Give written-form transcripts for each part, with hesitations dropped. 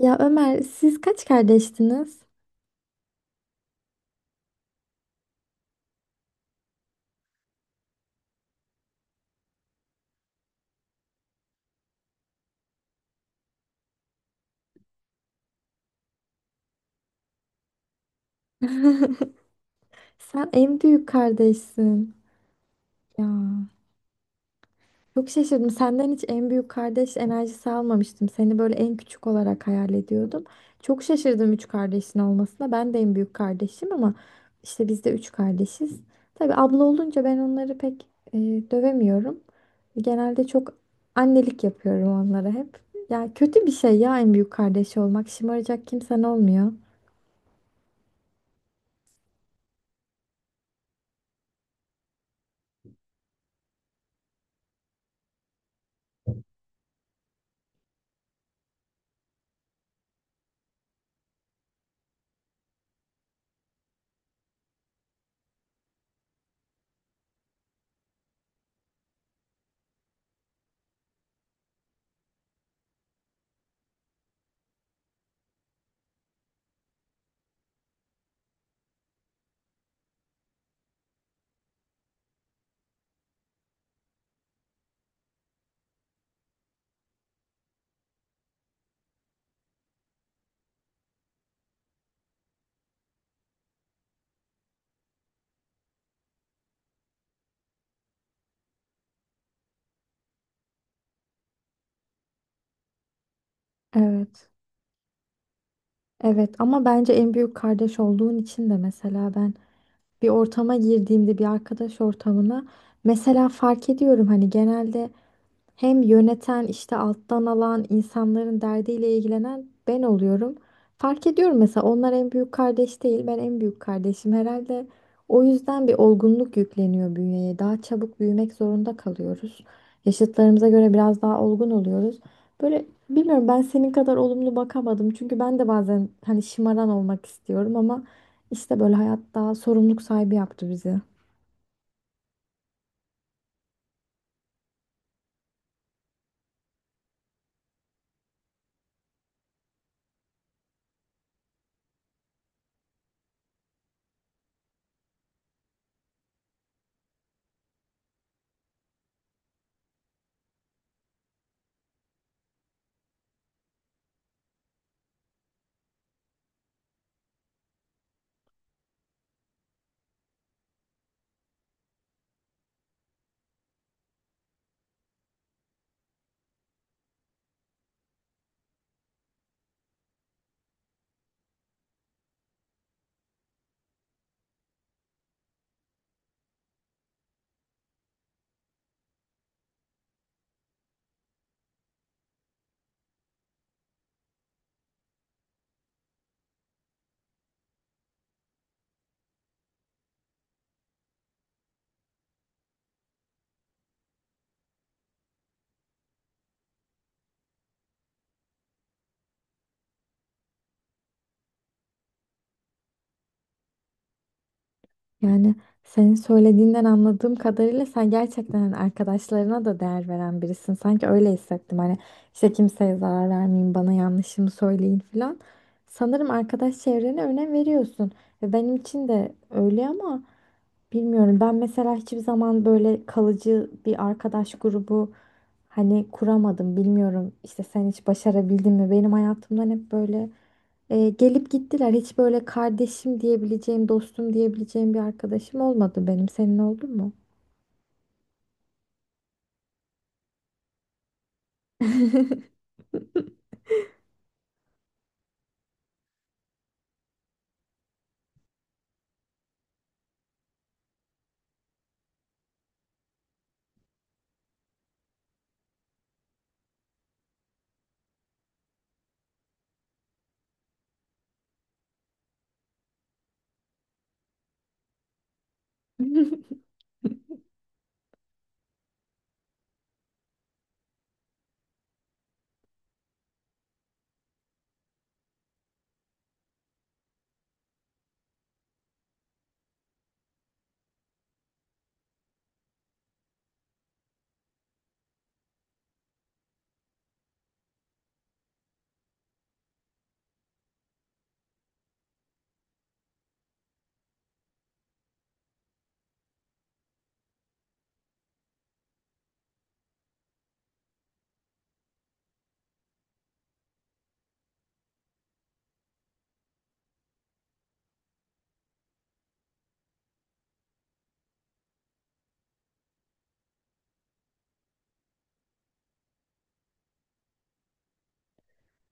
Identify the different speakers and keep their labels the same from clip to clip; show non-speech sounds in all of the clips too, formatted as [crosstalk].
Speaker 1: Ya Ömer, siz kaç kardeştiniz? [laughs] Sen en büyük kardeşsin. Ya, çok şaşırdım. Senden hiç en büyük kardeş enerjisi almamıştım. Seni böyle en küçük olarak hayal ediyordum. Çok şaşırdım üç kardeşin olmasına. Ben de en büyük kardeşim ama işte biz de üç kardeşiz. Tabii abla olunca ben onları pek e, dövemiyorum. Genelde çok annelik yapıyorum onlara hep. Ya kötü bir şey ya, en büyük kardeş olmak. Şımaracak kimsen olmuyor. Evet. Evet, ama bence en büyük kardeş olduğun için de, mesela, ben bir ortama girdiğimde, bir arkadaş ortamına, mesela fark ediyorum hani genelde hem yöneten, işte alttan alan insanların derdiyle ilgilenen ben oluyorum. Fark ediyorum mesela, onlar en büyük kardeş değil, ben en büyük kardeşim herhalde. O yüzden bir olgunluk yükleniyor bünyeye. Daha çabuk büyümek zorunda kalıyoruz. Yaşıtlarımıza göre biraz daha olgun oluyoruz. Böyle, bilmiyorum, ben senin kadar olumlu bakamadım. Çünkü ben de bazen hani şımaran olmak istiyorum ama işte böyle hayat daha sorumluluk sahibi yaptı bizi. Yani, senin söylediğinden anladığım kadarıyla, sen gerçekten hani arkadaşlarına da değer veren birisin. Sanki öyle hissettim. Hani işte kimseye zarar vermeyin, bana yanlışımı söyleyin falan. Sanırım arkadaş çevrene önem veriyorsun. Ve benim için de öyle ama bilmiyorum. Ben mesela hiçbir zaman böyle kalıcı bir arkadaş grubu hani kuramadım. Bilmiyorum, işte sen hiç başarabildin mi? Benim hayatımdan hep böyle gelip gittiler. Hiç böyle kardeşim diyebileceğim, dostum diyebileceğim bir arkadaşım olmadı benim. Senin oldu mu? [laughs]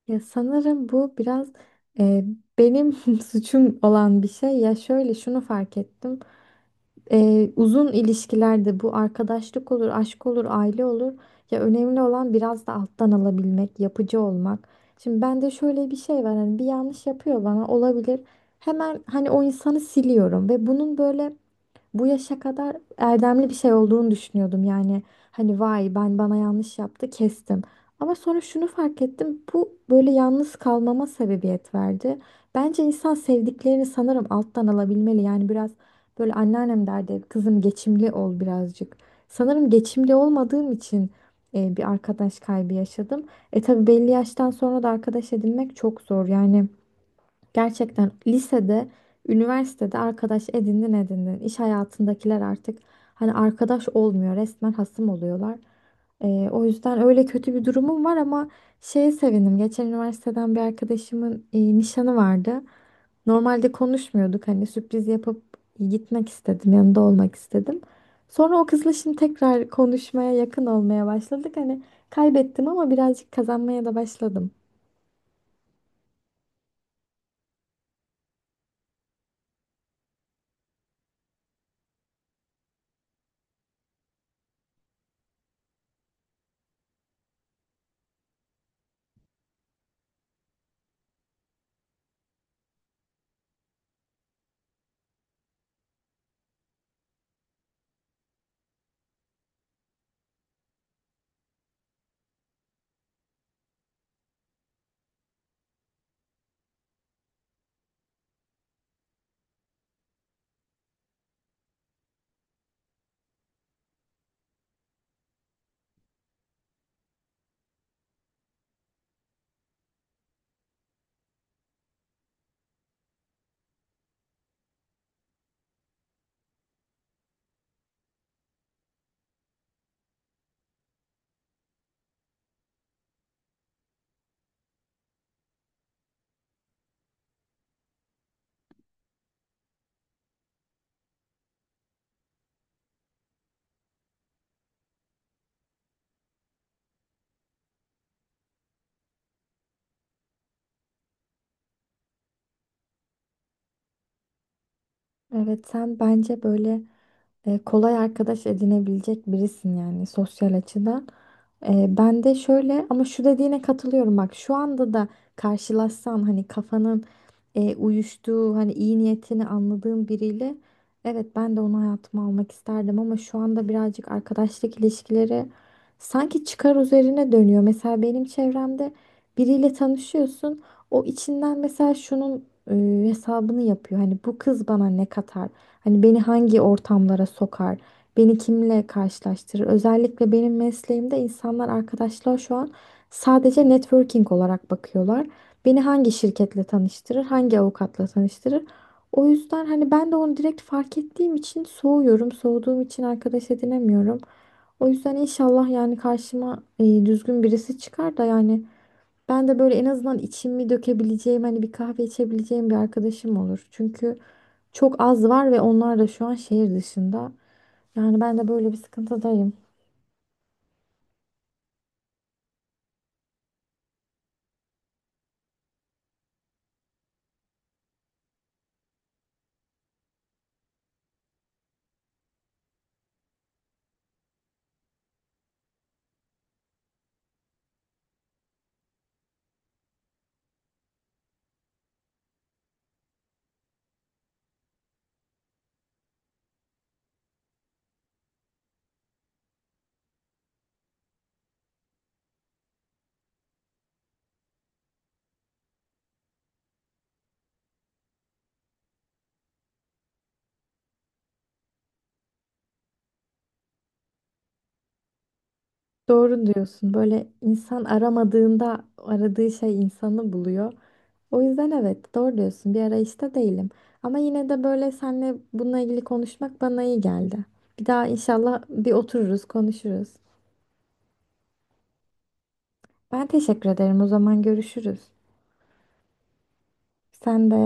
Speaker 1: Ya sanırım bu biraz e, benim [laughs] suçum olan bir şey. Ya şöyle, şunu fark ettim. Uzun ilişkilerde, bu arkadaşlık olur, aşk olur, aile olur. Ya önemli olan biraz da alttan alabilmek, yapıcı olmak. Şimdi bende şöyle bir şey var, hani bir yanlış yapıyor bana, olabilir. Hemen hani o insanı siliyorum ve bunun böyle bu yaşa kadar erdemli bir şey olduğunu düşünüyordum. Yani hani vay, ben bana yanlış yaptı, kestim. Ama sonra şunu fark ettim. Bu böyle yalnız kalmama sebebiyet verdi. Bence insan sevdiklerini sanırım alttan alabilmeli. Yani biraz böyle, anneannem derdi, kızım geçimli ol birazcık. Sanırım geçimli olmadığım için bir arkadaş kaybı yaşadım. E tabii, belli yaştan sonra da arkadaş edinmek çok zor. Yani gerçekten lisede, üniversitede arkadaş edindin edindin. İş hayatındakiler artık hani arkadaş olmuyor. Resmen hasım oluyorlar. O yüzden öyle kötü bir durumum var ama şeye sevindim. Geçen üniversiteden bir arkadaşımın nişanı vardı. Normalde konuşmuyorduk, hani sürpriz yapıp gitmek istedim, yanında olmak istedim. Sonra o kızla şimdi tekrar konuşmaya, yakın olmaya başladık. Hani kaybettim ama birazcık kazanmaya da başladım. Evet, sen bence böyle kolay arkadaş edinebilecek birisin yani, sosyal açıdan. Ben de şöyle, ama şu dediğine katılıyorum, bak şu anda da karşılaşsan hani kafanın uyuştuğu, hani iyi niyetini anladığım biriyle, evet ben de onu hayatıma almak isterdim. Ama şu anda birazcık arkadaşlık ilişkileri sanki çıkar üzerine dönüyor. Mesela benim çevremde biriyle tanışıyorsun, o içinden mesela şunun hesabını yapıyor. Hani bu kız bana ne katar? Hani beni hangi ortamlara sokar? Beni kimle karşılaştırır? Özellikle benim mesleğimde insanlar, arkadaşlar şu an sadece networking olarak bakıyorlar. Beni hangi şirketle tanıştırır? Hangi avukatla tanıştırır? O yüzden hani ben de onu direkt fark ettiğim için soğuyorum. Soğuduğum için arkadaş edinemiyorum. O yüzden inşallah yani karşıma düzgün birisi çıkar da, yani ben de böyle en azından içimi dökebileceğim, hani bir kahve içebileceğim bir arkadaşım olur. Çünkü çok az var ve onlar da şu an şehir dışında. Yani ben de böyle bir sıkıntıdayım. Doğru diyorsun. Böyle insan aramadığında aradığı şey insanı buluyor. O yüzden evet, doğru diyorsun. Bir arayışta değilim. Ama yine de böyle seninle bununla ilgili konuşmak bana iyi geldi. Bir daha inşallah bir otururuz, konuşuruz. Ben teşekkür ederim. O zaman görüşürüz. Sen de.